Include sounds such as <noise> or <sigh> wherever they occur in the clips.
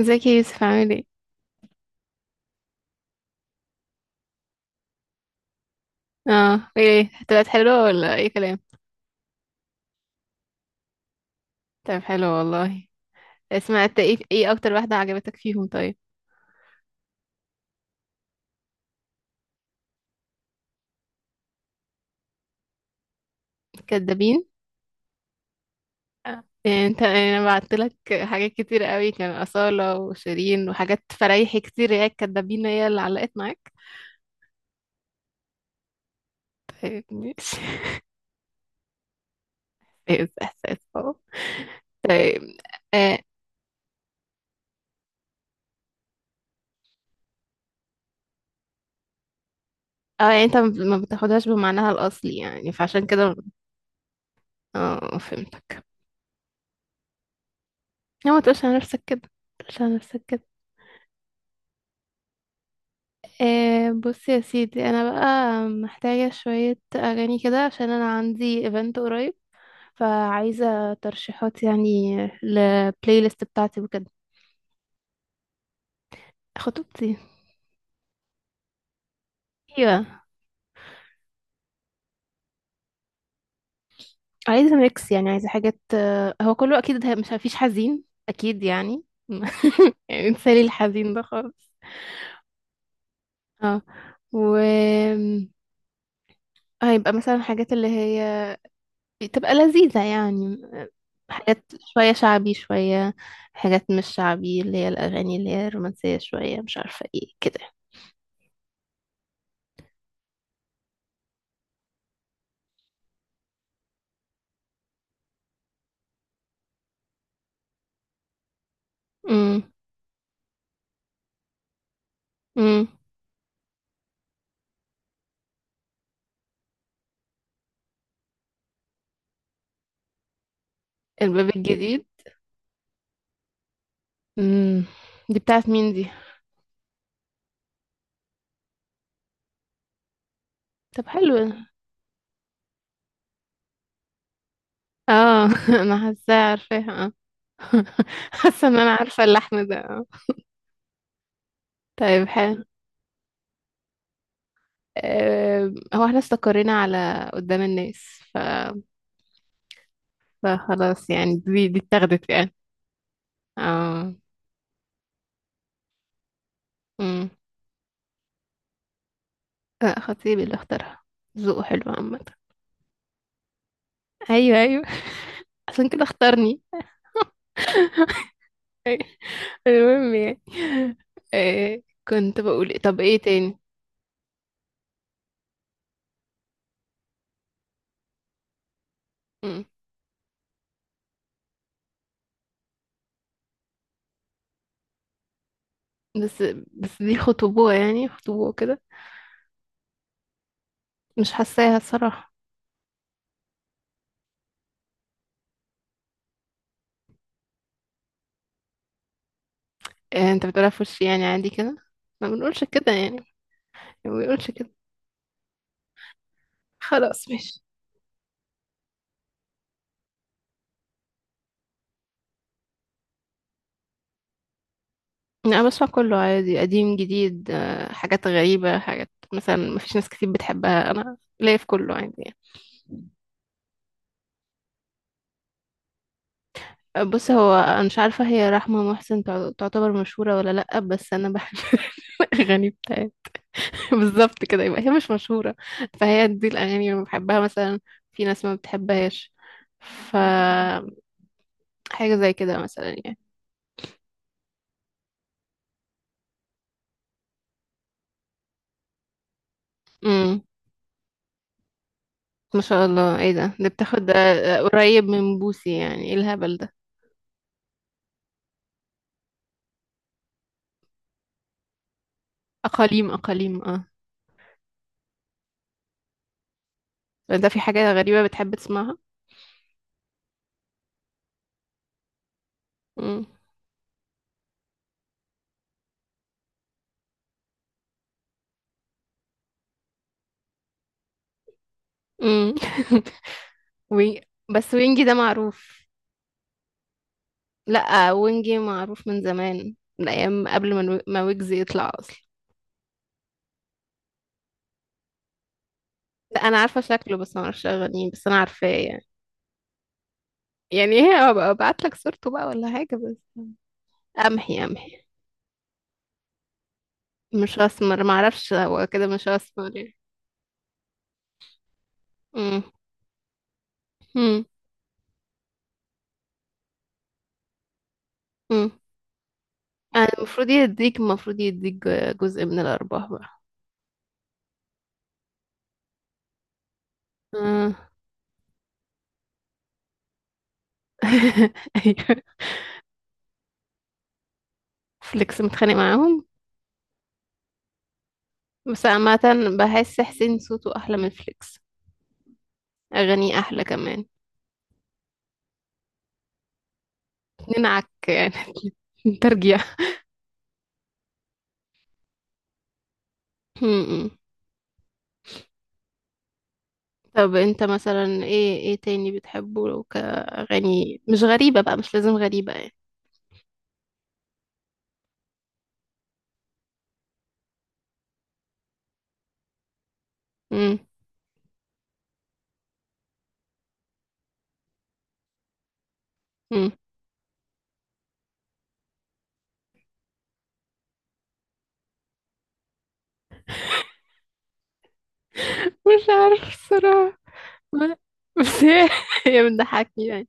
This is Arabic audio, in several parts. ازيك يا يوسف، عامل ايه؟ اه، ايه، طلعت حلوة ولا اي كلام؟ طب حلو والله. سمعت ايه اكتر واحدة عجبتك فيهم طيب؟ كدابين؟ آه. إيه انت، انا بعت لك حاجات كتير قوي. كان أصالة وشيرين وحاجات فريحي كتير. هي الكدابين هي اللي علقت معاك؟ طيب ماشي. <laughs> إيه احساس؟ اه. طيب. اه. آه، يعني انت ما بتاخدهاش بمعناها الاصلي يعني فعشان كده. اه فهمتك. لا، ما تقولش على نفسك كده، ما تقولش على نفسك كده. آه بص يا سيدي، انا بقى محتاجة شوية اغاني كده عشان انا عندي ايفنت قريب. فعايزة ترشيحات يعني، للبلاي ليست بتاعتي وكده. خطوبتي. ايوه. عايزة ميكس يعني، عايزة حاجات، هو كله اكيد مش، مفيش حزين اكيد يعني. <laughs> يعني انسالي الحزين ده خالص. اه. و هيبقى مثلا حاجات اللي هي بتبقى لذيذة يعني. حاجات، شوية شعبي، شوية حاجات مش شعبي، اللي هي الأغاني اللي هي الرومانسية شوية، مش عارفة ايه كده. امم امم الباب الجديد. امم دي بتاعت مين دي؟ طب حلو ده. اه. <laughs> انا حاساها، عارفاها آه. <laughs> حاسه ان انا عارفه اللحن ده آه. طيب حلو. هو احنا استقرينا على قدام الناس فخلاص يعني دي اتاخدت يعني. اه. مم. لا، خطيبي اللي اختارها. ذوقه حلو عامة. ايوه ايوه. <laughs> عشان كده اختارني. المهم يعني. آه. كنت بقول طب ايه تاني؟ مم. بس. بس دي خطوبة يعني، خطوبة كده. مش حاساها الصراحة. آه، انت بتقولها في وشي يعني، عادي كده؟ ما بنقولش كده يعني. ما بنقولش كده. خلاص ماشي. انا بسمع كله عادي، قديم جديد آه، حاجات غريبة، حاجات مثلا ما فيش ناس كتير بتحبها، انا ليا في كله عادي يعني. بص، هو انا مش عارفه هي رحمه محسن تعتبر مشهوره ولا لا، بس انا بحب <laughs> الاغاني بتاعتها. <laughs> بالظبط كده، يبقى هي مش مشهوره. فهي دي الاغاني اللي بحبها مثلا، في ناس ما بتحبهاش، ف حاجه زي كده مثلا يعني. امم. ما شاء الله، ايه ده؟ ده بتاخد آه. آه، قريب من بوسي يعني؟ ايه الهبل ده؟ اقاليم اقاليم اه. ده في حاجه غريبه بتحب تسمعها؟ امم. امم. <laughs> وي... بس وينجي ده معروف. لا، وينجي معروف من زمان، من ايام قبل ما ويجز يطلع اصلا. لا انا عارفه شكله بس ما اعرفش اغانيه، بس انا عارفاه يعني. يعني ايه؟ أبقى ابعت لك صورته بقى ولا حاجه بس. امحي امحي. مش اسمر، ما اعرفش، هو كده مش اسمر يعني. امم. امم. امم. أنا المفروض يديك جزء من الارباح بقى. آه. <laughs> ايوه. فليكس متخانق معاهم؟ بس عامه، بحس حسين صوته احلى من فليكس، اغانيه احلى كمان. ننعك يعني، <laughs> ترجيع. م-م. طب انت مثلا ايه تاني بتحبه؟ لو كأغاني مش غريبة بقى، مش لازم غريبة يعني. م- م. مش عارف الصراحة. ما- بس هي <laughs> هي بتضحكني يعني.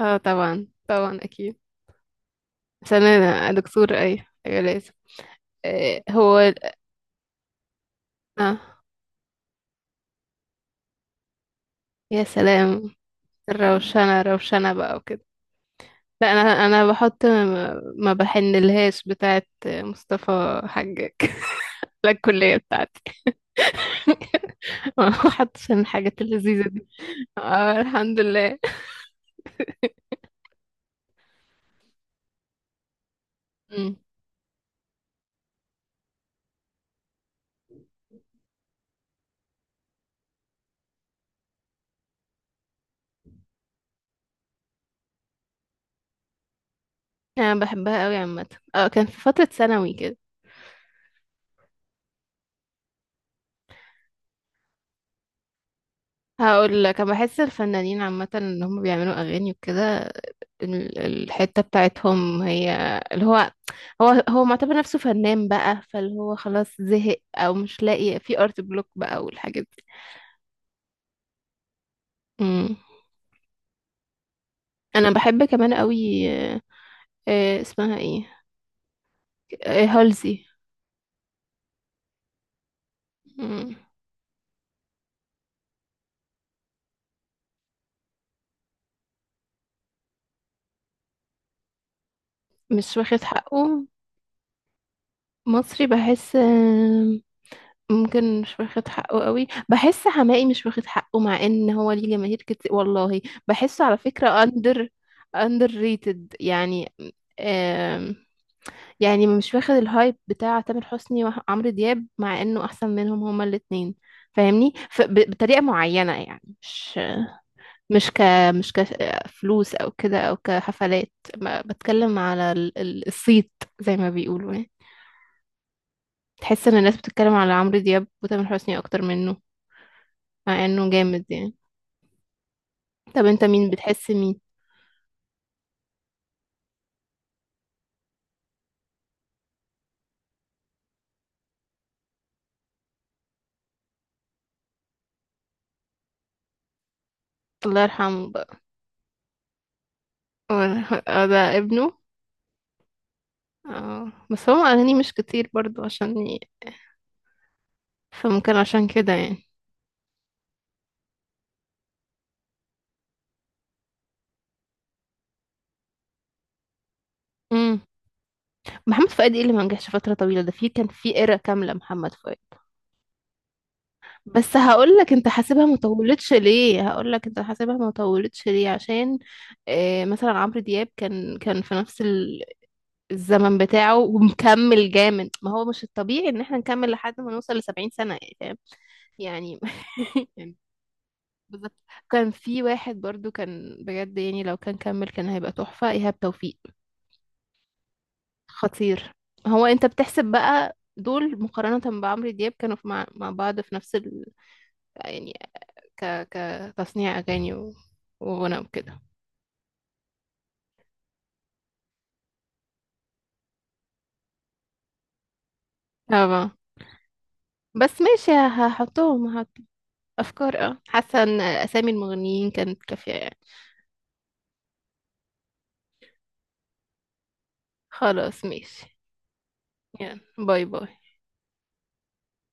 اه طبعا طبعا اكيد. عشان انا دكتور، اي أيوة لازم. إيه هو اه يا سلام. الروشنة روشنة بقى وكده. لا انا، انا بحط ما بحنلهاش بتاعت مصطفى حجاج للكلية بتاعتي. <laughs> وحط عشان الحاجات اللذيذة دي. اه الحمد لله. مم. انا بحبها قوي عامة. اه، كان في فترة ثانوي كده. هقول لك، انا بحس الفنانين عامة ان هم بيعملوا اغاني وكده، الحتة بتاعتهم هي اللي هو، هو معتبر نفسه فنان بقى، فاللي هو خلاص زهق او مش لاقي، في ارت بلوك بقى والحاجات دي. مم. انا بحب كمان قوي. آه. آه، اسمها ايه؟ هالزي. مم. مش واخد حقه. مصري بحس، ممكن مش واخد حقه قوي. بحس حماقي مش واخد حقه مع ان هو ليه جماهير كتير والله. بحسه على فكرة under، under rated يعني. آم، يعني مش واخد الهايب بتاع تامر حسني وعمرو دياب مع انه احسن منهم هما الاتنين. فاهمني بطريقة معينة يعني، مش ك مش كفلوس او كده او كحفلات، ما بتكلم على الصيت زي ما بيقولوا يعني. تحس ان الناس بتتكلم على عمرو دياب وتامر حسني اكتر منه، مع انه جامد يعني. طب انت مين بتحس؟ مين؟ الله يرحمه بقى. الله يرحمه. اه، ده ابنه. اه بس هو اغانيه مش كتير برضو عشان فممكن عشان كده يعني. امم. محمد فؤاد؟ ايه اللي ما نجحش فتره طويله ده؟ في، كان في ايرا كامله محمد فؤاد. بس هقول لك، انت حاسبها ما طولتش ليه؟ هقول لك انت حاسبها ما طولتش ليه. عشان مثلا عمرو دياب كان في نفس الزمن بتاعه ومكمل جامد. ما هو مش الطبيعي ان احنا نكمل لحد ما نوصل لـ70 سنة يعني، فاهم؟ يعني. <laughs> يعني. بالظبط. كان في واحد برضو كان بجد، يعني لو كان كمل كان هيبقى تحفة، إيهاب توفيق. خطير. هو انت بتحسب بقى دول مقارنة بعمرو دياب؟ كانوا في مع بعض في نفس يعني، كتصنيع أغاني وغنى وكده. طبعا. بس ماشي، هحط أفكار. اه حاسة ان أسامي المغنيين كانت كافية يعني. خلاص ماشي. يلا باي باي.